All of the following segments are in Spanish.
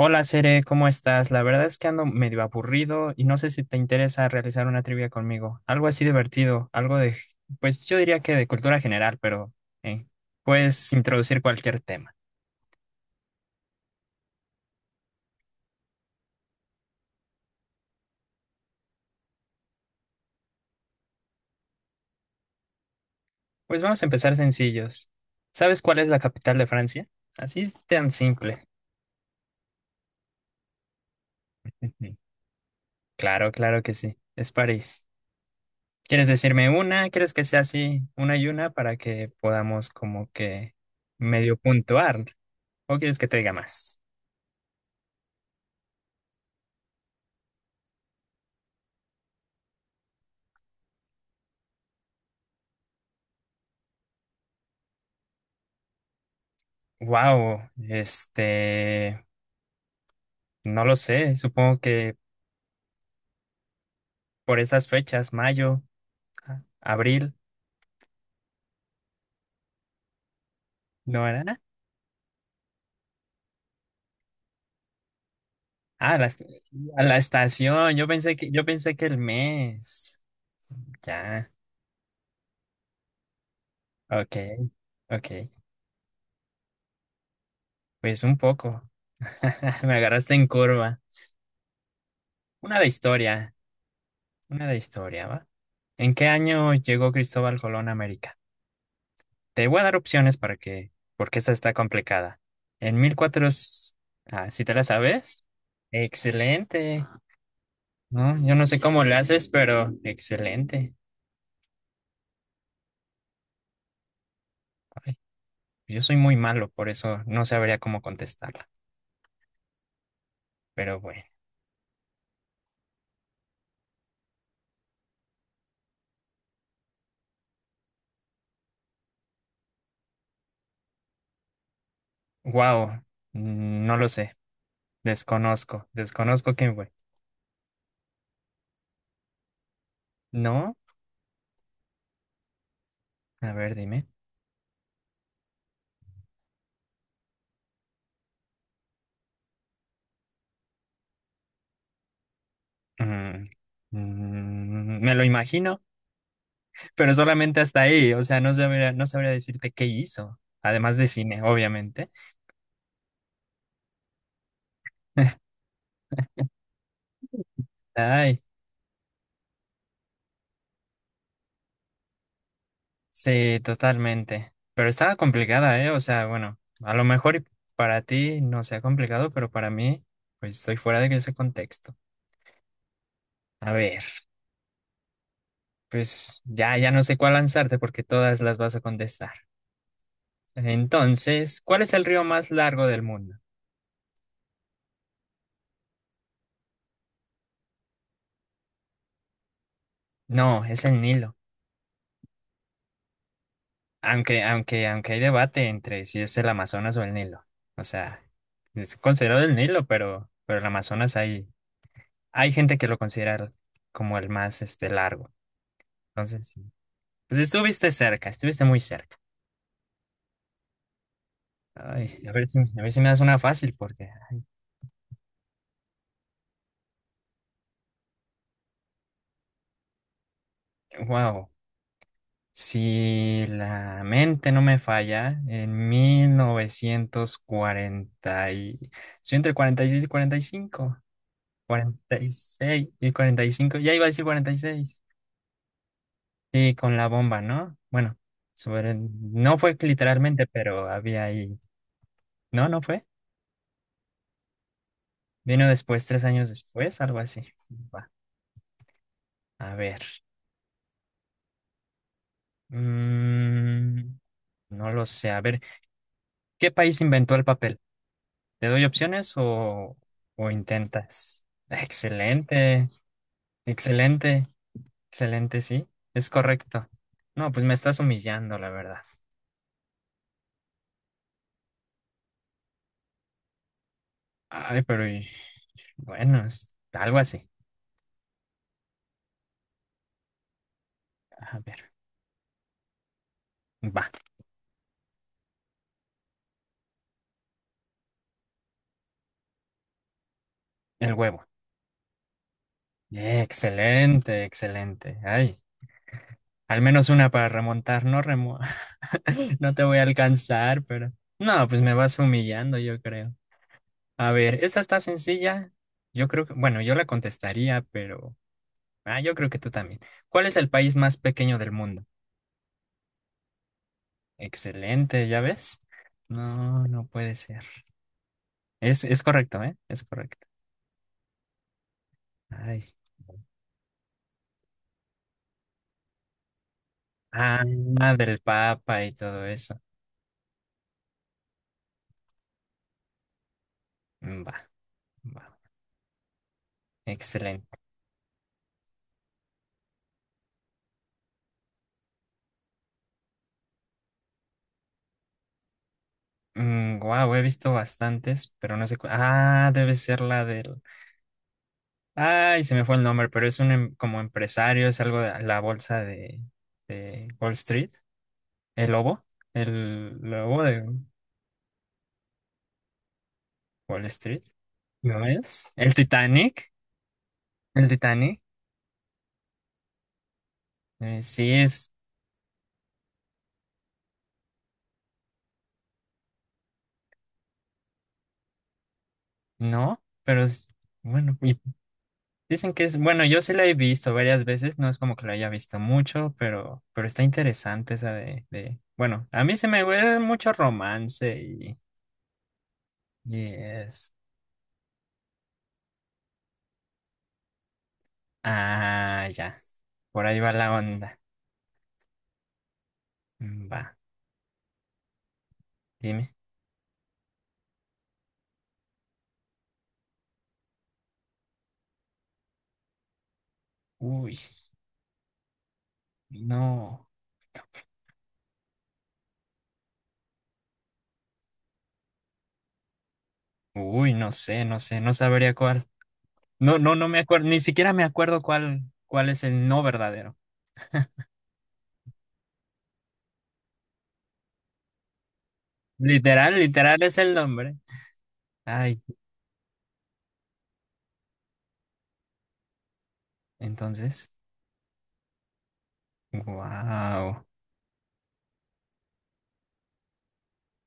Hola, Cere, ¿cómo estás? La verdad es que ando medio aburrido y no sé si te interesa realizar una trivia conmigo. Algo así divertido, algo de, pues yo diría que de cultura general, pero eh, puedes introducir cualquier tema. Pues vamos a empezar sencillos. ¿Sabes cuál es la capital de Francia? Así tan simple. Claro, claro que sí, es París. ¿Quieres decirme una? ¿Quieres que sea así, una y una, para que podamos como que medio puntuar? ¿O quieres que te diga más? Wow, este, no lo sé, supongo que por esas fechas, mayo, abril, ¿no era? Ah, a la estación, yo pensé que el mes. Ya, ok, ok, pues un poco. Me agarraste en curva. Una de historia, una de historia, ¿va? ¿En qué año llegó Cristóbal Colón a América? Te voy a dar opciones para que, porque esta está complicada. En 1400, ah, si te la sabes, excelente. No, yo no sé cómo le haces, pero excelente. Ay, yo soy muy malo, por eso no sabría cómo contestarla. Pero bueno, wow, no lo sé. Desconozco, desconozco quién fue. No, a ver, dime. Mm, me lo imagino, pero solamente hasta ahí. O sea, no sabría, no sabría decirte qué hizo, además de cine, obviamente. Ay, sí, totalmente. Pero estaba complicada, ¿eh? O sea, bueno, a lo mejor y para ti no sea complicado, pero para mí, pues estoy fuera de ese contexto. A ver, pues ya, ya no sé cuál lanzarte porque todas las vas a contestar. Entonces, ¿cuál es el río más largo del mundo? No, es el Nilo. Aunque, aunque, aunque hay debate entre si es el Amazonas o el Nilo. O sea, es considerado el Nilo, pero el Amazonas hay, hay gente que lo considera como el más, largo. Entonces, sí. Pues estuviste cerca, estuviste muy cerca. Ay, a ver si me das una fácil, porque, wow, si la mente no me falla, en mil novecientos estoy entre cuarenta y seis y cuarenta y cinco cuarenta cuarenta y seis y cuarenta y seis cinco ya iba a decir 46, y seis, y con la bomba, ¿no? Bueno, sobre, no fue literalmente, pero había ahí, no, no fue, vino después, tres años después, algo así. Va, a ver. Mm, no lo sé. A ver, ¿qué país inventó el papel? ¿Te doy opciones o intentas? Excelente, excelente, excelente, sí. Es correcto. No, pues me estás humillando, la verdad. Ay, bueno, es algo así. A ver, va, el huevo. Excelente, excelente. Ay, al menos una para remontar, no remo. No te voy a alcanzar, pero... No, pues me vas humillando, yo creo. A ver, esta está sencilla. Yo creo que, bueno, yo la contestaría, pero yo creo que tú también. ¿Cuál es el país más pequeño del mundo? Excelente, ¿ya ves? No, no puede ser. Es correcto, ¿eh? Es correcto. Ay. Ah, del Papa y todo eso. Mm, va, va. Excelente. Wow, he visto bastantes, pero no sé. Ah, debe ser la del. Ay, se me fue el nombre, pero es un como empresario, es algo de la bolsa de Wall Street. El lobo, el lobo de Wall Street, ¿no es? El Titanic, sí es, no, pero es, bueno, y dicen que es, bueno, yo sí la he visto varias veces, no es como que la haya visto mucho, pero está interesante esa de, bueno, a mí se me huele mucho romance y es, ah, ya, por ahí va la onda. Mm, va, dime, uy, no, uy, no sé, no sé, no sabría cuál. No, no, no me acuerdo, ni siquiera me acuerdo cuál, cuál es el no verdadero. Literal, literal es el nombre. Ay, entonces, wow.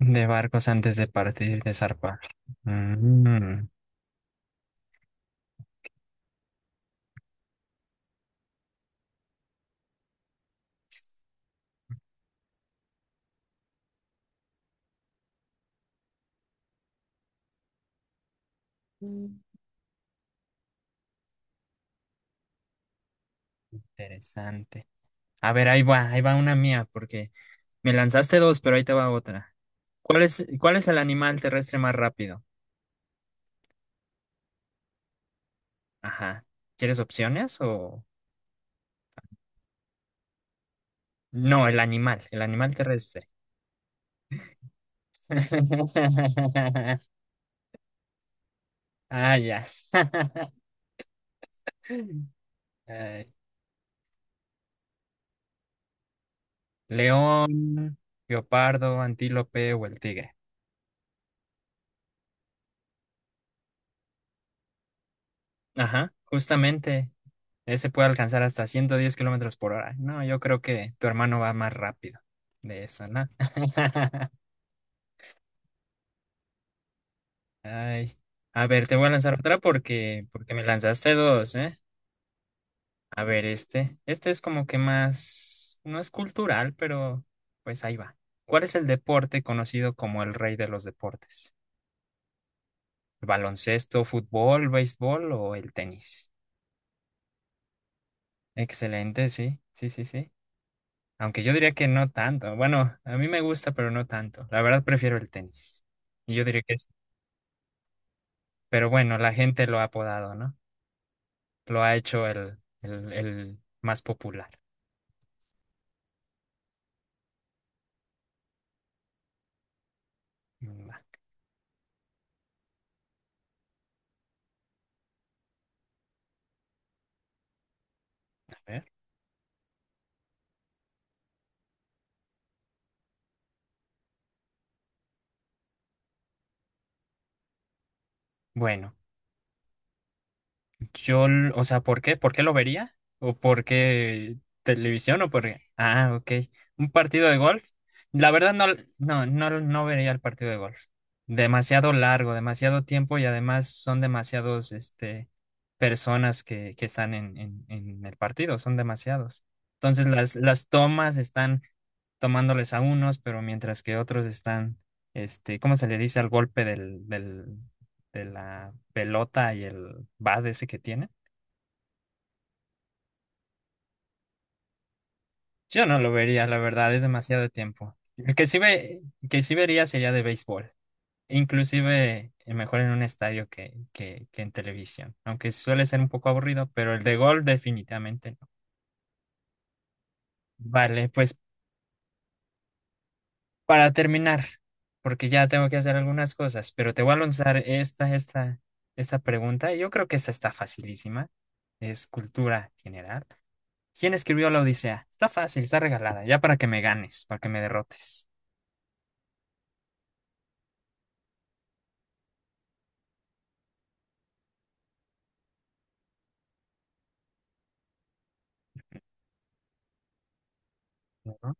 De barcos antes de partir, de zarpar. Mm, mm, interesante. A ver, ahí va una mía, porque me lanzaste dos, pero ahí te va otra. Cuál es el animal terrestre más rápido? Ajá. ¿Quieres opciones o...? No, el animal terrestre. Ah, ya. Eh, león, guepardo, antílope o el tigre. Ajá, justamente. Ese puede alcanzar hasta 110 km/h. No, yo creo que tu hermano va más rápido de eso, ¿no? Ay, a ver, te voy a lanzar otra porque, porque me lanzaste dos, ¿eh? A ver, este. Este es como que más, no es cultural, pero pues ahí va. ¿Cuál es el deporte conocido como el rey de los deportes? ¿Baloncesto, fútbol, béisbol o el tenis? Excelente, sí, sí, sí, sí. Aunque yo diría que no tanto. Bueno, a mí me gusta, pero no tanto. La verdad prefiero el tenis. Y yo diría que sí. Pero bueno, la gente lo ha apodado, ¿no? Lo ha hecho el más popular. Mm, va. A ver. Bueno. Yo, o sea, ¿por qué? ¿Por qué lo vería? ¿O por qué televisión? ¿O por qué? Ah, ok. ¿Un partido de golf? La verdad no, no, no, no vería el partido de golf. Demasiado largo, demasiado tiempo y además son demasiados, personas que están en el partido, son demasiados. Entonces las tomas están tomándoles a unos, pero mientras que otros están, ¿cómo se le dice al golpe del, del, de la pelota y el bat ese que tiene? Yo no lo vería, la verdad, es demasiado tiempo. El que sí ve, que sí vería sería de béisbol, inclusive mejor en un estadio que en televisión, aunque suele ser un poco aburrido, pero el de gol definitivamente no. Vale, pues para terminar, porque ya tengo que hacer algunas cosas, pero te voy a lanzar esta, esta, esta pregunta. Yo creo que esta está facilísima, es cultura general. ¿Quién escribió la Odisea? Está fácil, está regalada, ya para que me ganes, para que me derrotes. ¿No?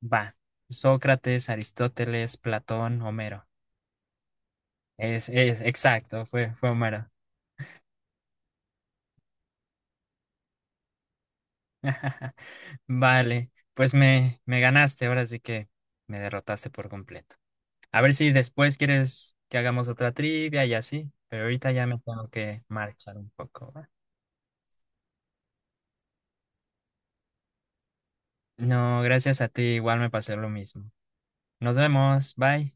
Va, Sócrates, Aristóteles, Platón, Homero. Es, exacto, fue, fue Homero. Vale, pues me ganaste, ahora sí que me derrotaste por completo. A ver si después quieres que hagamos otra trivia y así, pero ahorita ya me tengo que marchar un poco, ¿va? No, gracias a ti, igual me pasó lo mismo. Nos vemos, bye.